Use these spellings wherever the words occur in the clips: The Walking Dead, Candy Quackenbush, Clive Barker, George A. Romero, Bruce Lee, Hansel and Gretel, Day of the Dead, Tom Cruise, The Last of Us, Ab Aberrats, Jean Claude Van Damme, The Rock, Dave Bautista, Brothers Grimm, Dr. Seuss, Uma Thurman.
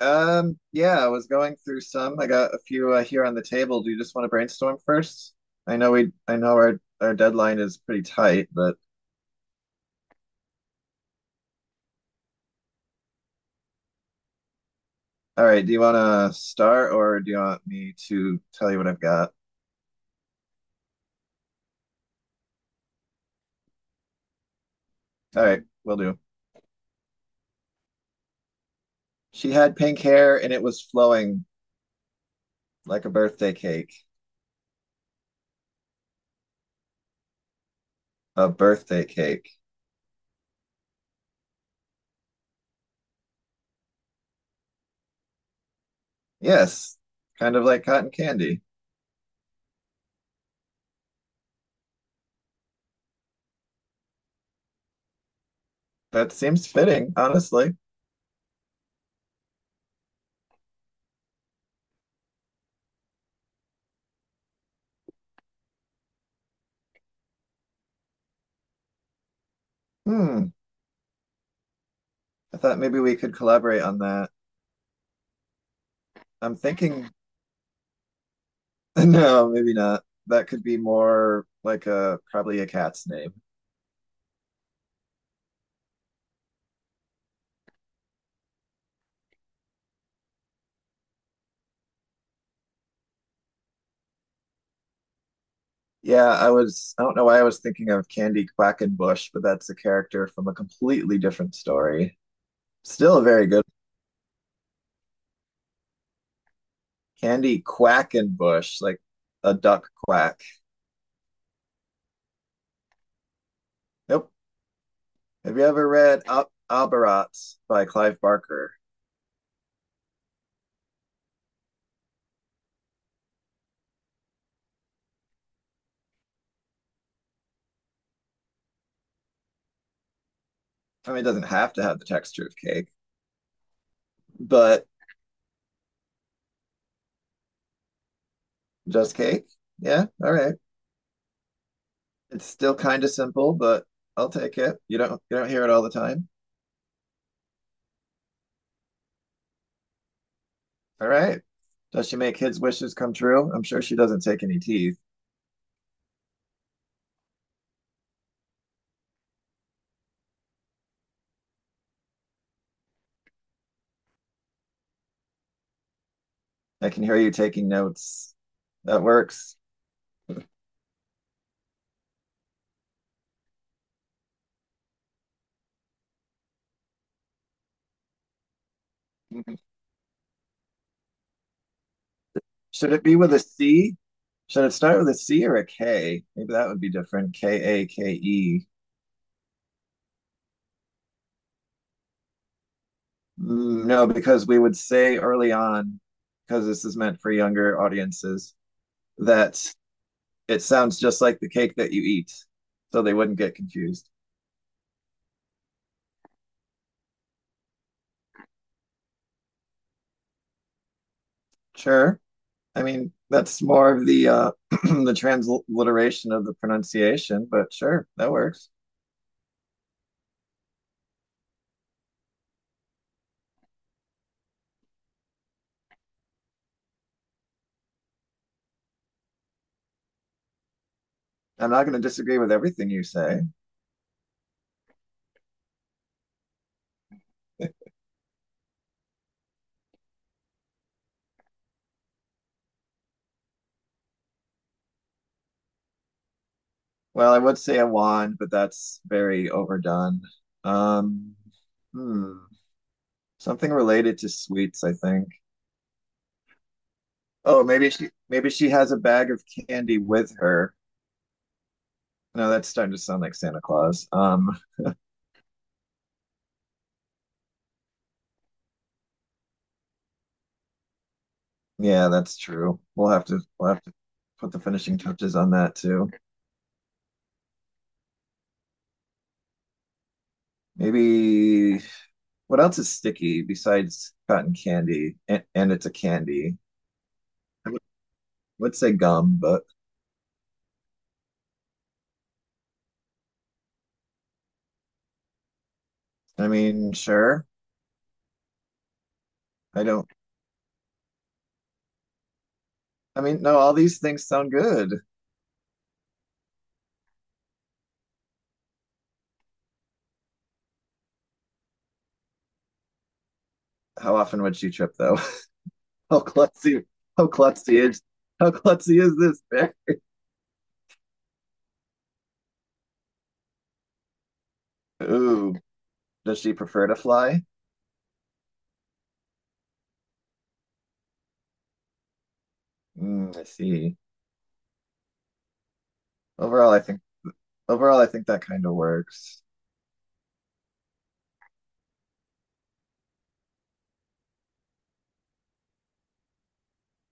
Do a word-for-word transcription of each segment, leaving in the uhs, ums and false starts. Um, yeah, I was going through some. I got a few uh, here on the table. Do you just want to brainstorm first? I know we, I know our our deadline is pretty tight, but all right. Do you want to start, or do you want me to tell you what I've got? All right, we'll do. She had pink hair, and it was flowing like a birthday cake. A birthday cake. Yes, kind of like cotton candy. That seems fitting, honestly. Hmm. I thought maybe we could collaborate on that. I'm thinking no, maybe not. That could be more like a probably a cat's name. Yeah, I was I don't know why I was thinking of Candy Quackenbush, but that's a character from a completely different story. Still a very good Candy Quackenbush, like a duck quack. Nope. Have you ever read Ab Aberrats by Clive Barker? I mean, it doesn't have to have the texture of cake, but just cake? Yeah, all right. It's still kind of simple, but I'll take it. You don't you don't hear it all the time. All right. Does she make kids' wishes come true? I'm sure she doesn't take any teeth. I can hear you taking notes. That works. Should it be with a C? Should it start with a C or a K? Maybe that would be different. K A K E. Mm, no, because we would say early on, because this is meant for younger audiences, that it sounds just like the cake that you eat. So they wouldn't get confused. Sure. I mean, that's more of the uh the transliteration of the pronunciation, but sure, that works. I'm not going to disagree with everything you say. Well, I would say a wand, but that's very overdone. Um, hmm, Something related to sweets, I think. Oh, maybe she maybe she has a bag of candy with her. No, that's starting to sound like Santa Claus. Um, yeah, that's true. We'll have to we'll have to put the finishing touches on that too. Maybe what else is sticky besides cotton candy? And, and it's a candy. I would, would say gum, but I mean, sure. I don't. I mean, no, all these things sound good. How often would she trip though? How klutzy, how klutzy is, how klutzy is this bear? Ooh, does she prefer to fly? Mm, I see. Overall, I think overall, I think that kind of works.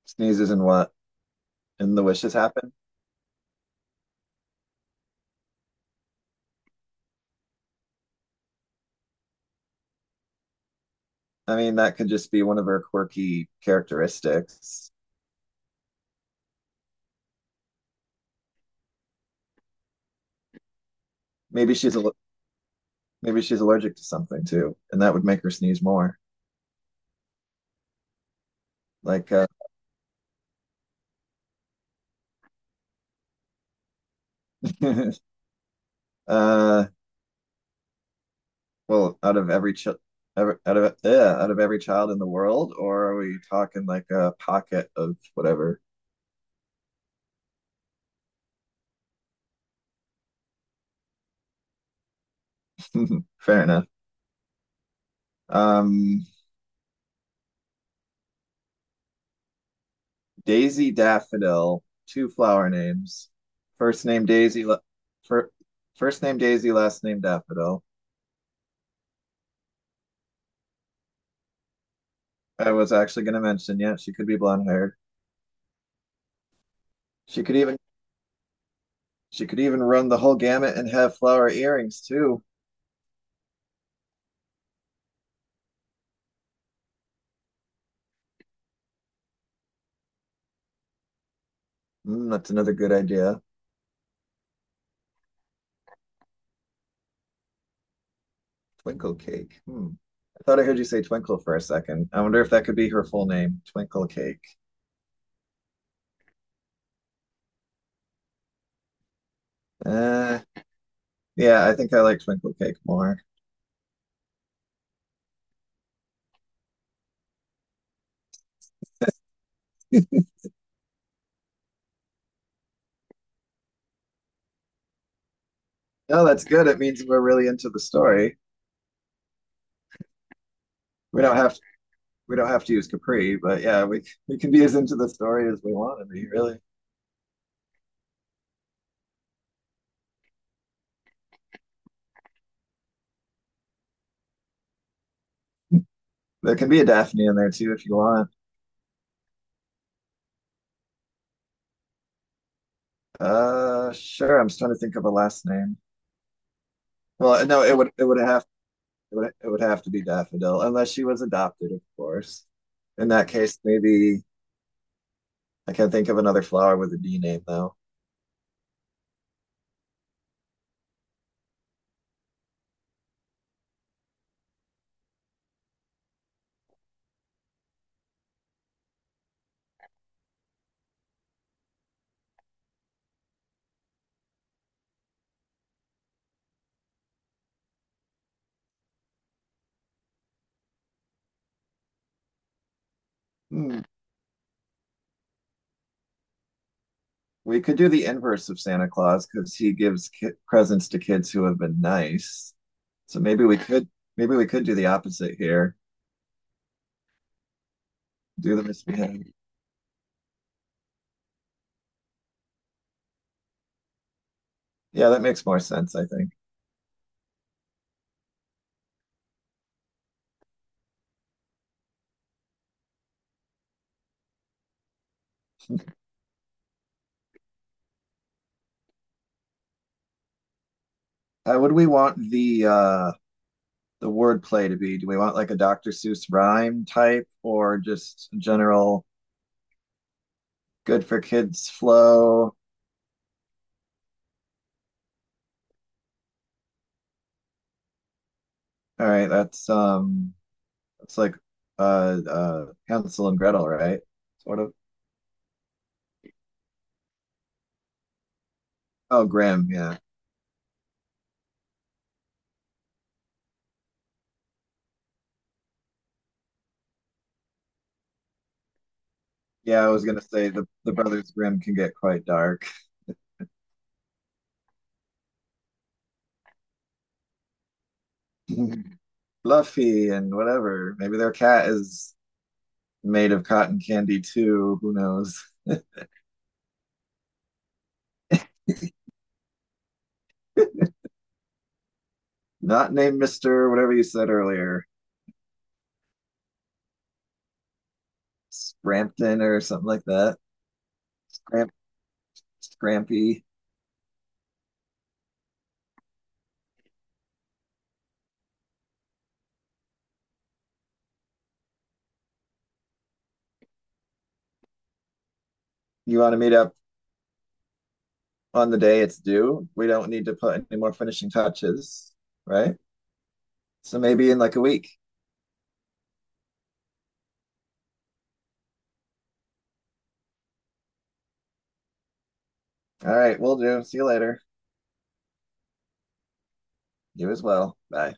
Sneezes and what? And the wishes happen. I mean, that could just be one of her quirky characteristics. Maybe she's a Maybe she's allergic to something too, and that would make her sneeze more. Like, uh, uh, well, out of every ch ever- out of yeah, out of every child in the world, or are we talking like a pocket of whatever? Fair enough. Um, Daisy Daffodil, two flower names. First name Daisy, la- fir first name Daisy, last name Daffodil. I was actually going to mention, yeah, she could be blonde haired. She could even she could even run the whole gamut and have flower earrings too. Mm, that's another good idea. Twinkle cake. Hmm. I thought I heard you say twinkle for a second. I wonder if that could be her full name, Twinkle Cake. Uh, yeah, I think I like Twinkle Cake more. No, that's good. It means we're really into the story. We don't have we don't have to use Capri, but yeah, we we can be as into the story as we want to be, really. There can be a Daphne in there too if you want. Uh, sure. I'm just trying to think of a last name. Well, no, it would it would have it would it would have to be Daffodil, unless she was adopted, of course. In that case, maybe I can't think of another flower with a D name though. Hmm. We could do the inverse of Santa Claus because he gives ki presents to kids who have been nice. So maybe we could maybe we could do the opposite here. Do the misbehave. Yeah, that makes more sense, I think. How would we want the uh the word play to be? Do we want like a doctor Seuss rhyme type or just general good for kids flow? All right, that's um that's like uh uh Hansel and Gretel, right? Sort of. Oh, Grimm, yeah. Yeah, I was gonna say the, the Brothers Grimm can get quite dark. Fluffy and whatever. Maybe their cat is made of cotton candy too. Who knows? Not named Mister, whatever you said earlier. Scrampton or something like that. Scramp Scrampy. You want to meet up on the day it's due? We don't need to put any more finishing touches, right? So maybe in like a week. All right, we'll do. See you later. You as well. Bye.